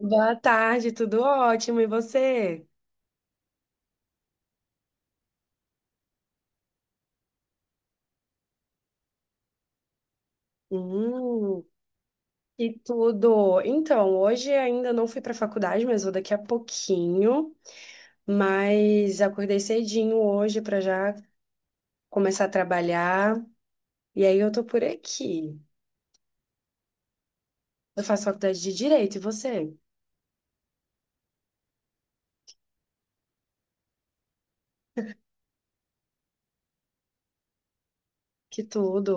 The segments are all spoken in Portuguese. Boa tarde, tudo ótimo. E você? Hum, e tudo. Então, hoje ainda não fui para a faculdade, mas vou daqui a pouquinho. Mas acordei cedinho hoje para já começar a trabalhar. E aí eu tô por aqui. Eu faço faculdade de Direito, e você? Que tudo.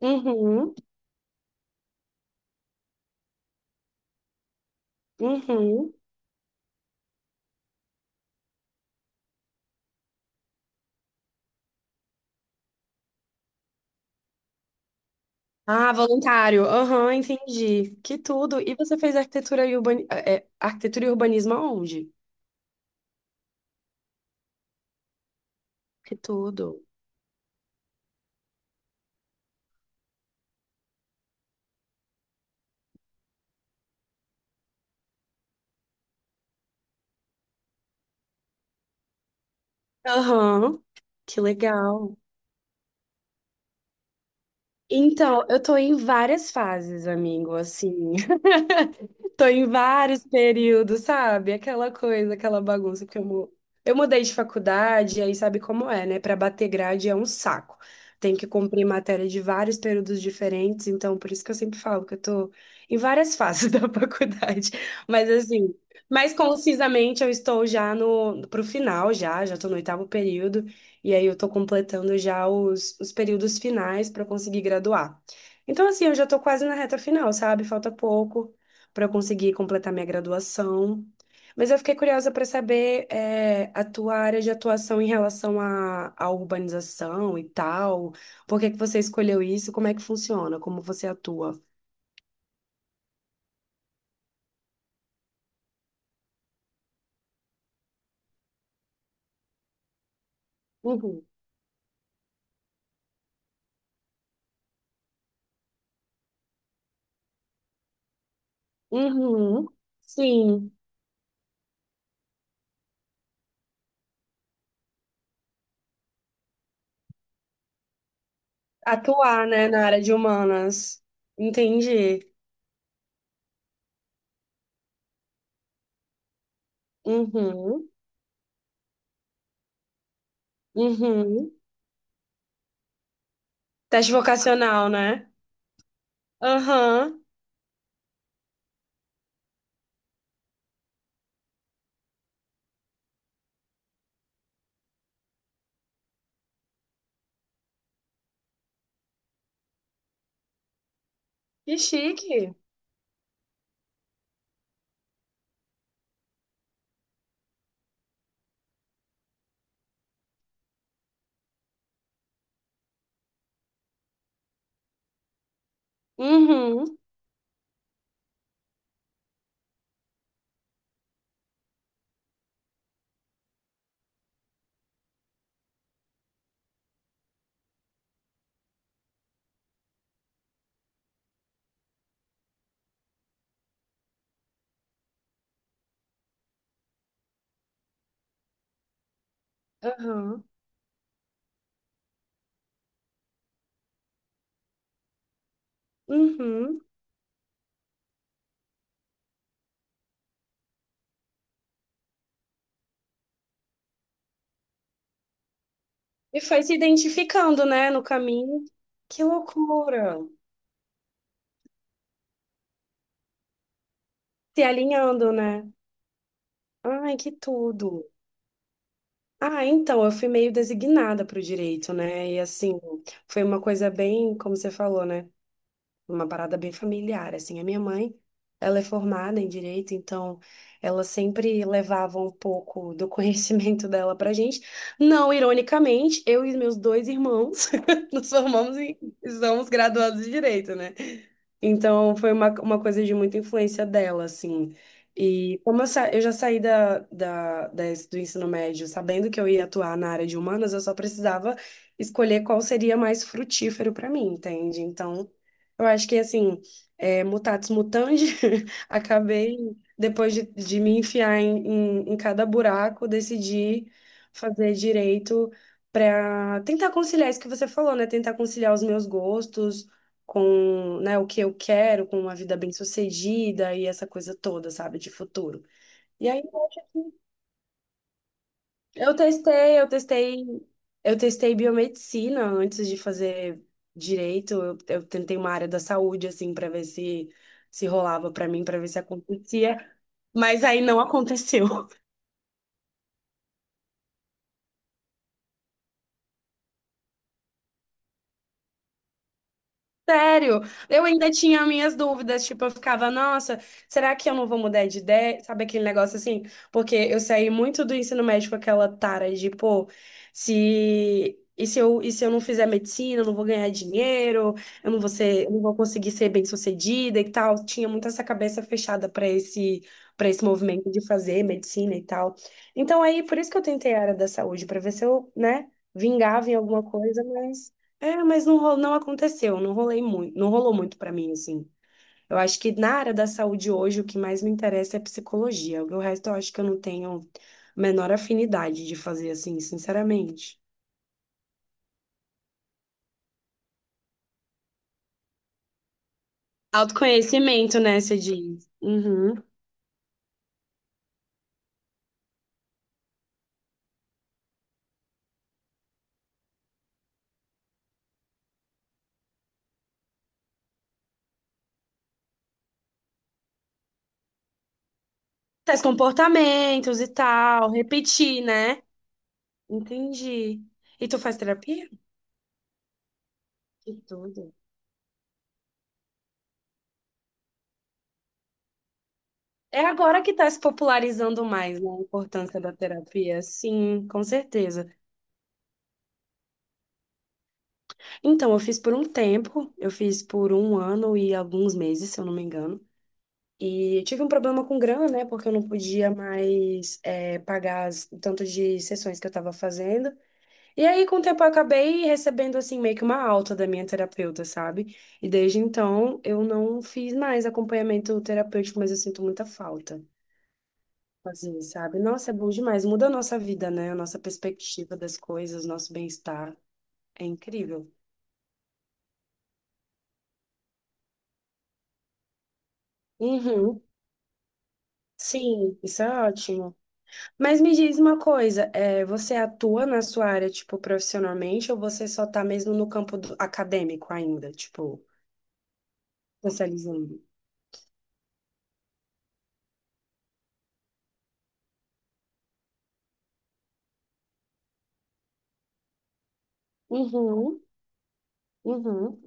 Uhum, uhum. Ah, voluntário. Aham, entendi. Que tudo. E você fez arquitetura e arquitetura e urbanismo aonde? Que tudo. Aham. Que legal. Então, eu tô em várias fases, amigo, assim. Tô em vários períodos, sabe? Aquela coisa, aquela bagunça que eu mudei de faculdade, aí sabe como é, né? Pra bater grade é um saco. Tem que cumprir matéria de vários períodos diferentes, então por isso que eu sempre falo que eu tô em várias fases da faculdade. Mas assim, mais concisamente eu estou já no pro final já, já tô no oitavo período, e aí eu tô completando já os períodos finais pra conseguir graduar. Então assim, eu já tô quase na reta final, sabe? Falta pouco para eu conseguir completar minha graduação. Mas eu fiquei curiosa para saber a tua área de atuação em relação à urbanização e tal. Por que que você escolheu isso? Como é que funciona? Como você atua? Uhum. Uhum. Sim. Atuar, né, na área de humanas. Entendi. Uhum. Uhum. Teste vocacional, né? Aham. Que chique. Uhum. Aham. Uhum. E foi se identificando, né, no caminho. Que loucura! Se alinhando, né? Ai, que tudo! Ah, então, eu fui meio designada para o direito, né? E assim, foi uma coisa bem, como você falou, né? Uma parada bem familiar. Assim, a minha mãe, ela é formada em direito, então ela sempre levava um pouco do conhecimento dela pra gente. Não, ironicamente, eu e meus dois irmãos nos formamos e somos graduados de direito, né? Então, foi uma coisa de muita influência dela, assim. E como eu já saí do ensino médio sabendo que eu ia atuar na área de humanas, eu só precisava escolher qual seria mais frutífero para mim, entende? Então, eu acho que, assim, mutatis mutandi, acabei, depois de me enfiar em cada buraco, decidi fazer direito para tentar conciliar isso que você falou, né? Tentar conciliar os meus gostos com, né, o que eu quero, com uma vida bem-sucedida e essa coisa toda, sabe, de futuro. E aí eu acho que eu testei, eu testei, eu testei biomedicina antes de fazer direito. Eu tentei uma área da saúde assim para ver se se rolava para mim, para ver se acontecia, mas aí não aconteceu. Sério, eu ainda tinha minhas dúvidas, tipo, eu ficava, nossa, será que eu não vou mudar de ideia? Sabe aquele negócio assim? Porque eu saí muito do ensino médio com aquela tara de, pô, se e se eu, e se eu não fizer medicina, eu não vou ganhar dinheiro, eu não vou conseguir ser bem-sucedida e tal. Tinha muito essa cabeça fechada para esse movimento de fazer medicina e tal. Então aí, por isso que eu tentei a área da saúde, para ver se eu, né, vingava em alguma coisa, mas não, não aconteceu, não rolou muito pra mim, assim. Eu acho que na área da saúde hoje o que mais me interessa é psicologia. O resto eu acho que eu não tenho a menor afinidade de fazer assim, sinceramente. Autoconhecimento, né, você diz? Uhum. Teste comportamentos e tal, repetir, né? Entendi. E tu faz terapia? Que tudo. É agora que tá se popularizando mais, né, a importância da terapia. Sim, com certeza. Então, eu fiz por um ano e alguns meses, se eu não me engano. E tive um problema com grana, né? Porque eu não podia mais pagar o tanto de sessões que eu tava fazendo. E aí, com o tempo, eu acabei recebendo, assim, meio que uma alta da minha terapeuta, sabe? E desde então, eu não fiz mais acompanhamento terapêutico, mas eu sinto muita falta. Assim, sabe? Nossa, é bom demais. Muda a nossa vida, né? A nossa perspectiva das coisas, nosso bem-estar. É incrível. Uhum. Sim, isso é ótimo. Mas me diz uma coisa, você atua na sua área, tipo, profissionalmente, ou você só tá mesmo no campo acadêmico ainda, tipo, especializando? Uhum, uhum.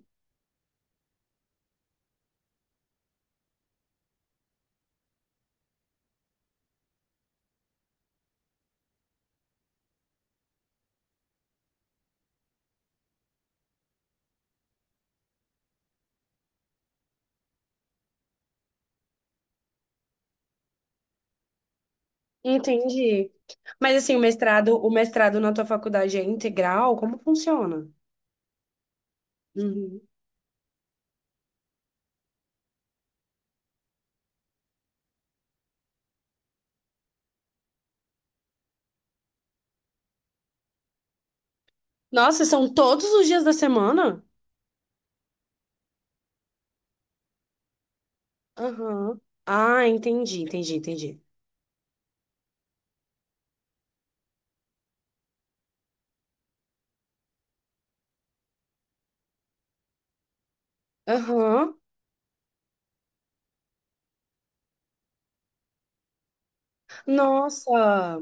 Entendi. Mas assim, o mestrado na tua faculdade é integral? Como funciona? Uhum. Nossa, são todos os dias da semana? Aham. Ah, entendi, entendi, entendi. Aham. Nossa,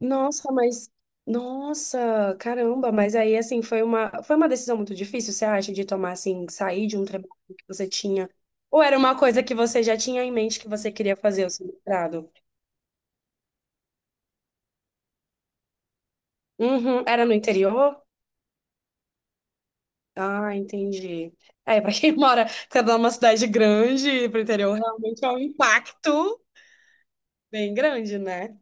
nossa, mas nossa, caramba, mas aí assim foi uma decisão muito difícil, você acha, de tomar assim, sair de um trabalho que você tinha, ou era uma coisa que você já tinha em mente que você queria fazer o seu mestrado? Uhum, era no interior? Ah, entendi. É, para quem mora cada uma cidade grande, pro interior realmente é um impacto bem grande, né?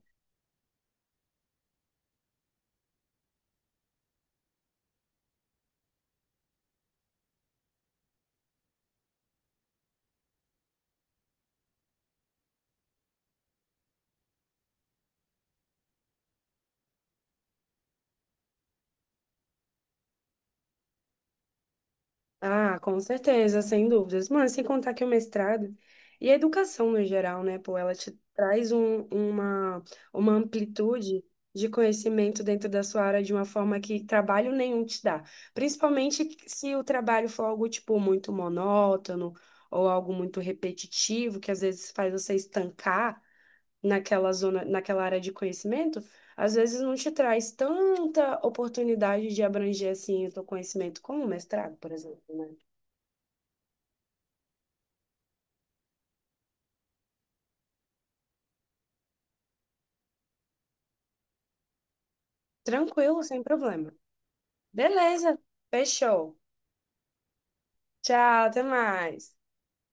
Ah, com certeza, sem dúvidas. Mano, sem contar que o mestrado e a educação no geral, né, pô, ela te traz uma amplitude de conhecimento dentro da sua área de uma forma que trabalho nenhum te dá. Principalmente se o trabalho for algo, tipo, muito monótono ou algo muito repetitivo, que às vezes faz você estancar naquela zona, naquela área de conhecimento, às vezes não te traz tanta oportunidade de abranger, assim, o teu conhecimento como o mestrado, por exemplo, né? Tranquilo, sem problema. Beleza, fechou. Tchau, até mais.